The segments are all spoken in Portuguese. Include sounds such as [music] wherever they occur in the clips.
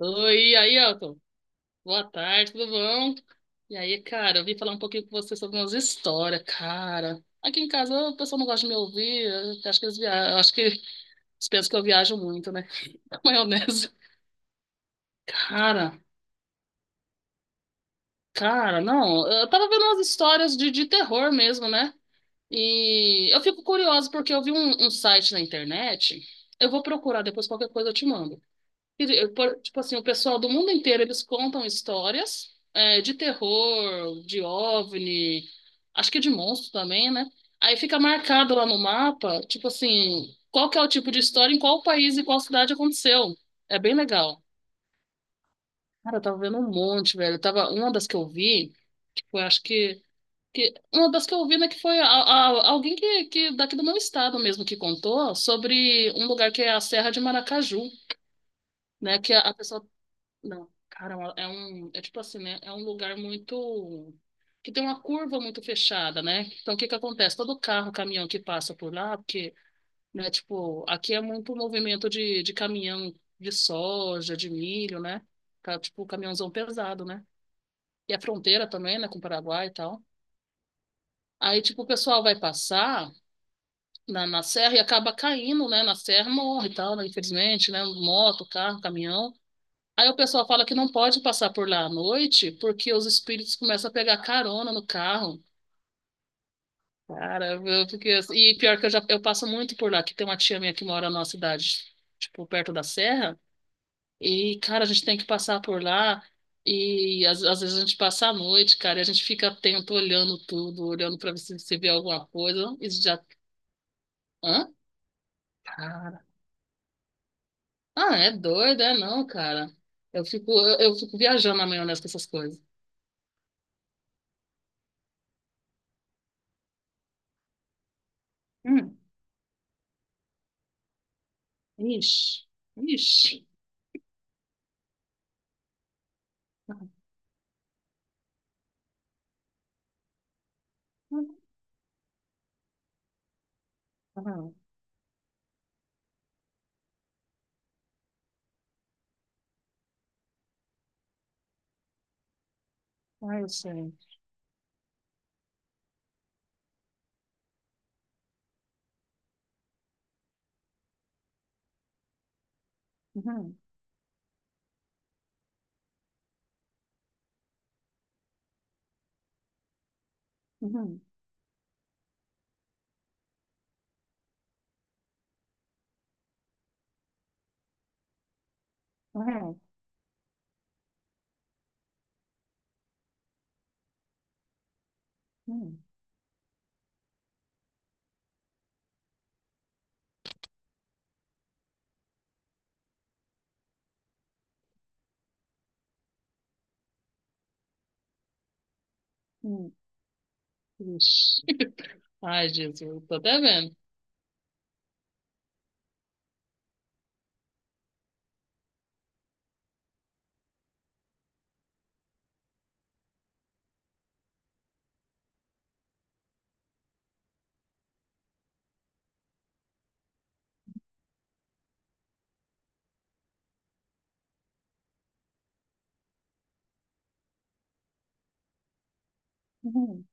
Oi, aí, Elton. Boa tarde, tudo bom? E aí, cara, eu vim falar um pouquinho com você sobre umas histórias, cara. Aqui em casa o pessoal não gosta de me ouvir, eu acho que eles viajam, eu acho que eles pensam que eu viajo muito, né? [laughs] Maionese. Cara, cara, não, eu tava vendo umas histórias de terror mesmo, né? E eu fico curiosa porque eu vi um site na internet, eu vou procurar depois qualquer coisa eu te mando. Tipo assim, o pessoal do mundo inteiro, eles contam histórias é, de terror, de OVNI, acho que de monstro também, né? Aí fica marcado lá no mapa, tipo assim, qual que é o tipo de história, em qual país e qual cidade aconteceu. É bem legal. Cara, eu tava vendo um monte, velho. Eu tava, uma das que eu vi, foi, acho que... Uma das que eu vi, né, que foi alguém que daqui do meu estado mesmo que contou sobre um lugar que é a Serra de Maracaju, né? Que a pessoa. Não, cara, é um, é tipo assim, né? É um lugar muito que tem uma curva muito fechada, né? Então, o que que acontece? Todo carro, caminhão que passa por lá, porque, né, tipo, aqui é muito movimento de caminhão de soja, de milho, né? Tá, tipo, caminhãozão pesado, né? E a fronteira também, né, com o Paraguai e tal. Aí, tipo, o pessoal vai passar na serra e acaba caindo, né? Na serra morre e tal, né? Infelizmente, né? Moto, carro, caminhão. Aí o pessoal fala que não pode passar por lá à noite porque os espíritos começam a pegar carona no carro. Cara, eu fiquei assim. E pior que eu passo muito por lá, que tem uma tia minha que mora na nossa cidade, tipo, perto da serra. E, cara, a gente tem que passar por lá. E às vezes a gente passa a noite, cara, e a gente fica atento, olhando tudo, olhando pra ver se vê alguma coisa. Isso já. Hã? Cara. Ah, é doido, é não, cara. Eu fico viajando na maionese com essas coisas. Hum. Ixi, ixi. [laughs] Uhum, uhum. Ai, gente. Uhum, uhum, uhum, uhum, uhum. Ixi. [laughs] Ai, Jesus, tô até vendo. Uhum.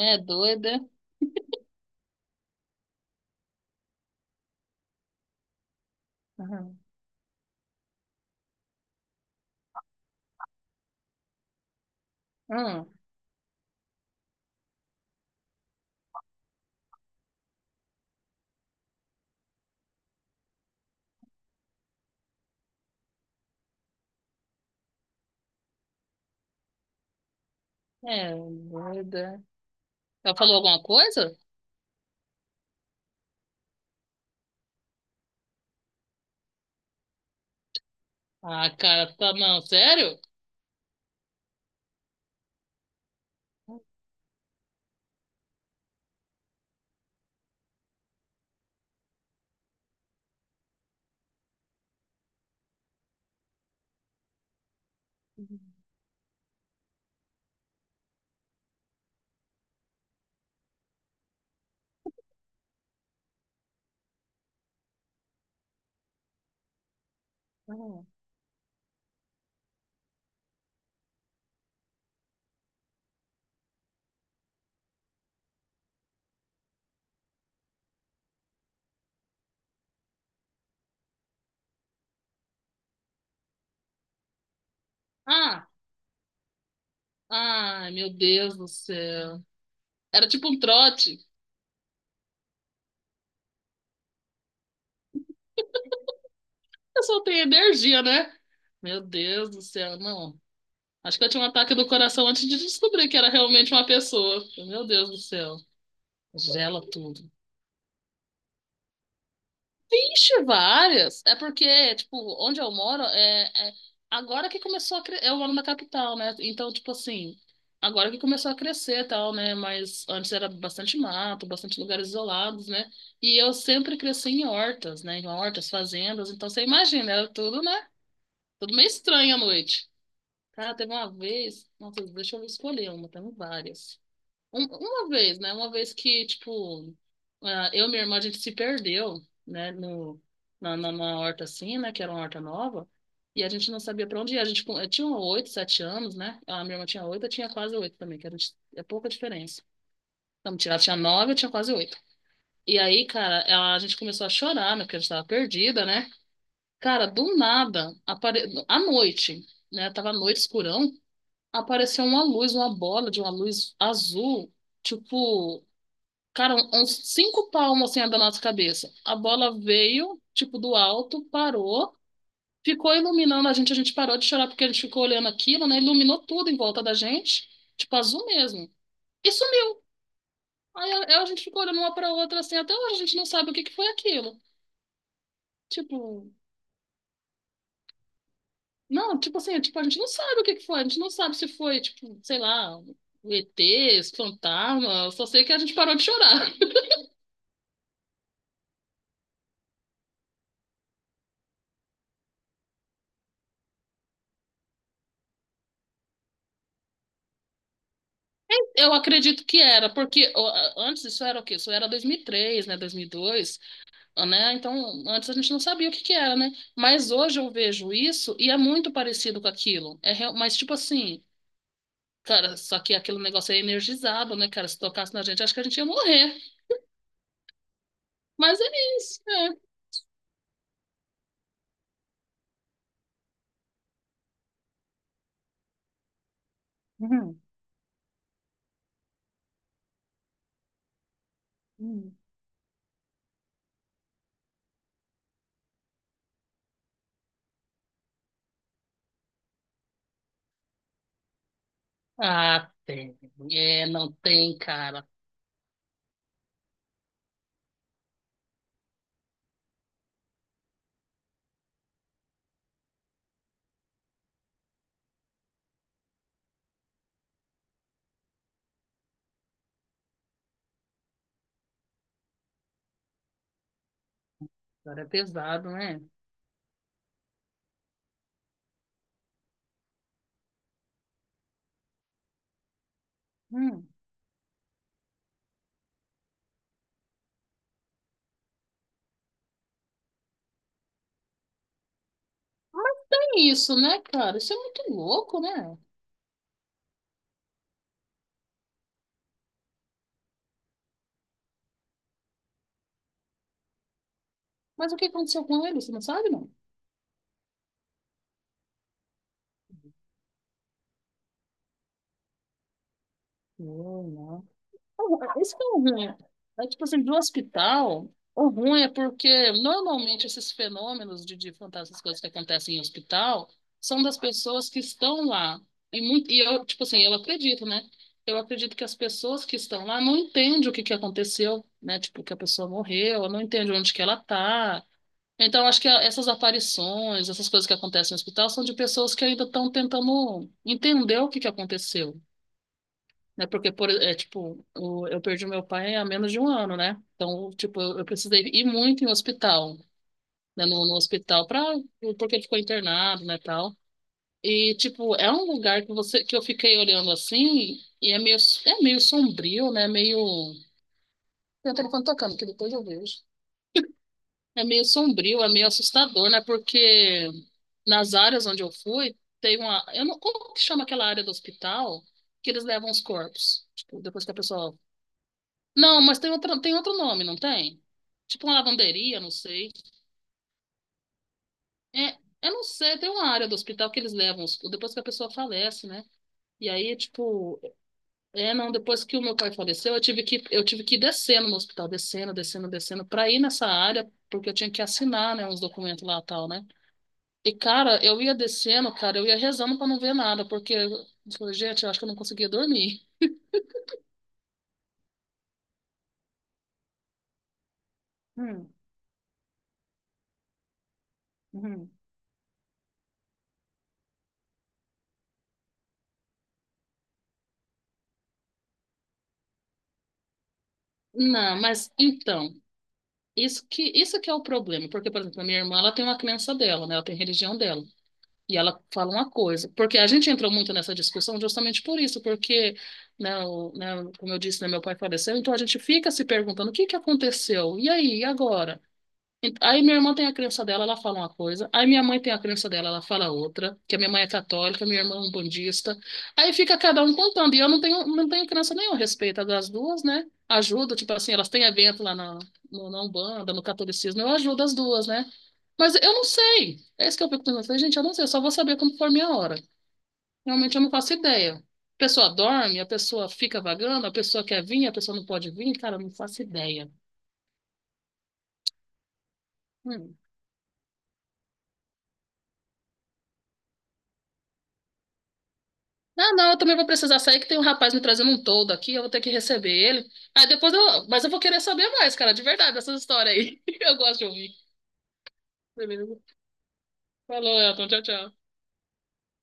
É doida. Uhum. Uhum. É doida. Ela falou alguma coisa? Ah, cara, tá não, sério? Uhum. Ah, ai, meu Deus do céu. Era tipo um trote. Eu só tenho energia, né? Meu Deus do céu, não. Acho que eu tinha um ataque do coração antes de descobrir que era realmente uma pessoa. Meu Deus do céu. Gela tudo. Vixe, várias. É porque, tipo, onde eu moro, agora que começou a crescer. Eu moro na capital, né? Então, tipo assim, agora que começou a crescer e tal, né? Mas antes era bastante mato, bastante lugares isolados, né? E eu sempre cresci em hortas, né? Em hortas, fazendas. Então, você imagina, era tudo, né? Tudo meio estranho à noite. Cara, teve uma vez. Nossa, deixa eu escolher uma, temos várias. Uma vez, né? Uma vez que, tipo, ah, eu e minha irmã, a gente se perdeu, né? No, na, na, na horta assim, né? Que era uma horta nova. E a gente não sabia pra onde ir. Eu tinha oito, sete anos, né? A minha irmã tinha oito, eu tinha quase oito também, que a gente, é pouca diferença. Então, ela tinha nove, eu tinha quase oito. E aí, cara, a gente começou a chorar, né? Porque a gente tava perdida, né? Cara, do nada, à noite, né? Tava à noite, escurão, apareceu uma luz, uma bola de uma luz azul, tipo. Cara, uns cinco palmos assim da nossa cabeça. A bola veio, tipo, do alto, parou, ficou iluminando a gente. A gente parou de chorar porque a gente ficou olhando aquilo, né? Iluminou tudo em volta da gente, tipo, azul mesmo. E sumiu. Aí a gente ficou olhando uma pra outra assim, até hoje a gente não sabe o que que foi aquilo. Tipo, não, tipo assim, tipo, a gente não sabe o que que foi, a gente não sabe se foi, tipo, sei lá, o ET, esse fantasma, eu só sei que a gente parou de chorar. Eu acredito que era, porque ó, antes isso era o quê? Isso era 2003, né, 2002, né? Então, antes a gente não sabia o que que era, né? Mas hoje eu vejo isso e é muito parecido com aquilo. É, mas tipo assim, cara, só que aquele negócio é energizado, né, cara? Se tocasse na gente, acho que a gente ia morrer. Mas é isso, né? Uhum, uhum. Ah, tem. É, não tem, cara. Cara, é pesado, né? Hum. Mas tem isso, né, cara? Isso é muito louco, né? Mas o que aconteceu com ele? Você não sabe, não? Não, não. É, isso que é o ruim. É tipo assim, do hospital, o ruim é porque normalmente esses fenômenos de fantasmas, essas coisas que acontecem em hospital, são das pessoas que estão lá. E, muito, e eu, tipo assim, eu acredito, né? Eu acredito que as pessoas que estão lá não entendem o que que aconteceu, né? Tipo, que a pessoa morreu, não entende onde que ela tá. Então, acho que essas aparições, essas coisas que acontecem no hospital, são de pessoas que ainda estão tentando entender o que que aconteceu, né? Porque, é, tipo, eu perdi meu pai há menos de um ano, né? Então, tipo, eu precisei ir muito em hospital, né? No hospital, pra, porque ele ficou internado, né, tal. E, tipo, é um lugar que você, que eu fiquei olhando assim, e é meio, sombrio, né? Meio... Tem o telefone tocando, que depois eu vejo. É meio sombrio, é meio assustador, né? Porque nas áreas onde eu fui, tem uma... Eu não, como que chama aquela área do hospital que eles levam os corpos? Tipo, depois que a pessoa. Não, mas tem outro nome, não tem? Tipo uma lavanderia, não sei. É, eu não sei, tem uma área do hospital que eles levam depois que a pessoa falece, né? E aí, tipo, é, não, depois que o meu pai faleceu, eu tive que ir descendo no hospital, descendo, descendo, descendo, pra ir nessa área, porque eu tinha que assinar, né, uns documentos lá e tal, né? E, cara, eu ia descendo, cara, eu ia rezando pra não ver nada, porque, eu falei, gente, eu acho que eu não conseguia dormir. Hum, uhum. Não, mas então. Isso que é o problema, porque, por exemplo, a minha irmã, ela tem uma crença dela, né? Ela tem a religião dela. E ela fala uma coisa, porque a gente entrou muito nessa discussão justamente por isso, porque, né, né, como eu disse, né, meu pai faleceu, então a gente fica se perguntando o que que aconteceu? E aí, e agora? Aí minha irmã tem a crença dela, ela fala uma coisa. Aí minha mãe tem a crença dela, ela fala outra. Que a minha mãe é católica, minha irmã é umbandista. Aí fica cada um contando. E eu não tenho crença nenhuma a respeito das duas, né? Ajudo, tipo assim, elas têm evento lá na Umbanda, no catolicismo. Eu ajudo as duas, né? Mas eu não sei. É isso que eu fico pensando. Eu falei, gente, eu não sei, eu só vou saber quando for minha hora. Realmente eu não faço ideia. A pessoa dorme, a pessoa fica vagando, a pessoa quer vir, a pessoa não pode vir. Cara, eu não faço ideia. Hum. Não, não, eu também vou precisar sair, que tem um rapaz me trazendo um toldo aqui, eu vou ter que receber ele. Aí depois eu. Mas eu vou querer saber mais, cara, de verdade, essas histórias aí. [laughs] Eu gosto de ouvir. Beleza. Falou, Elton. Tchau, tchau.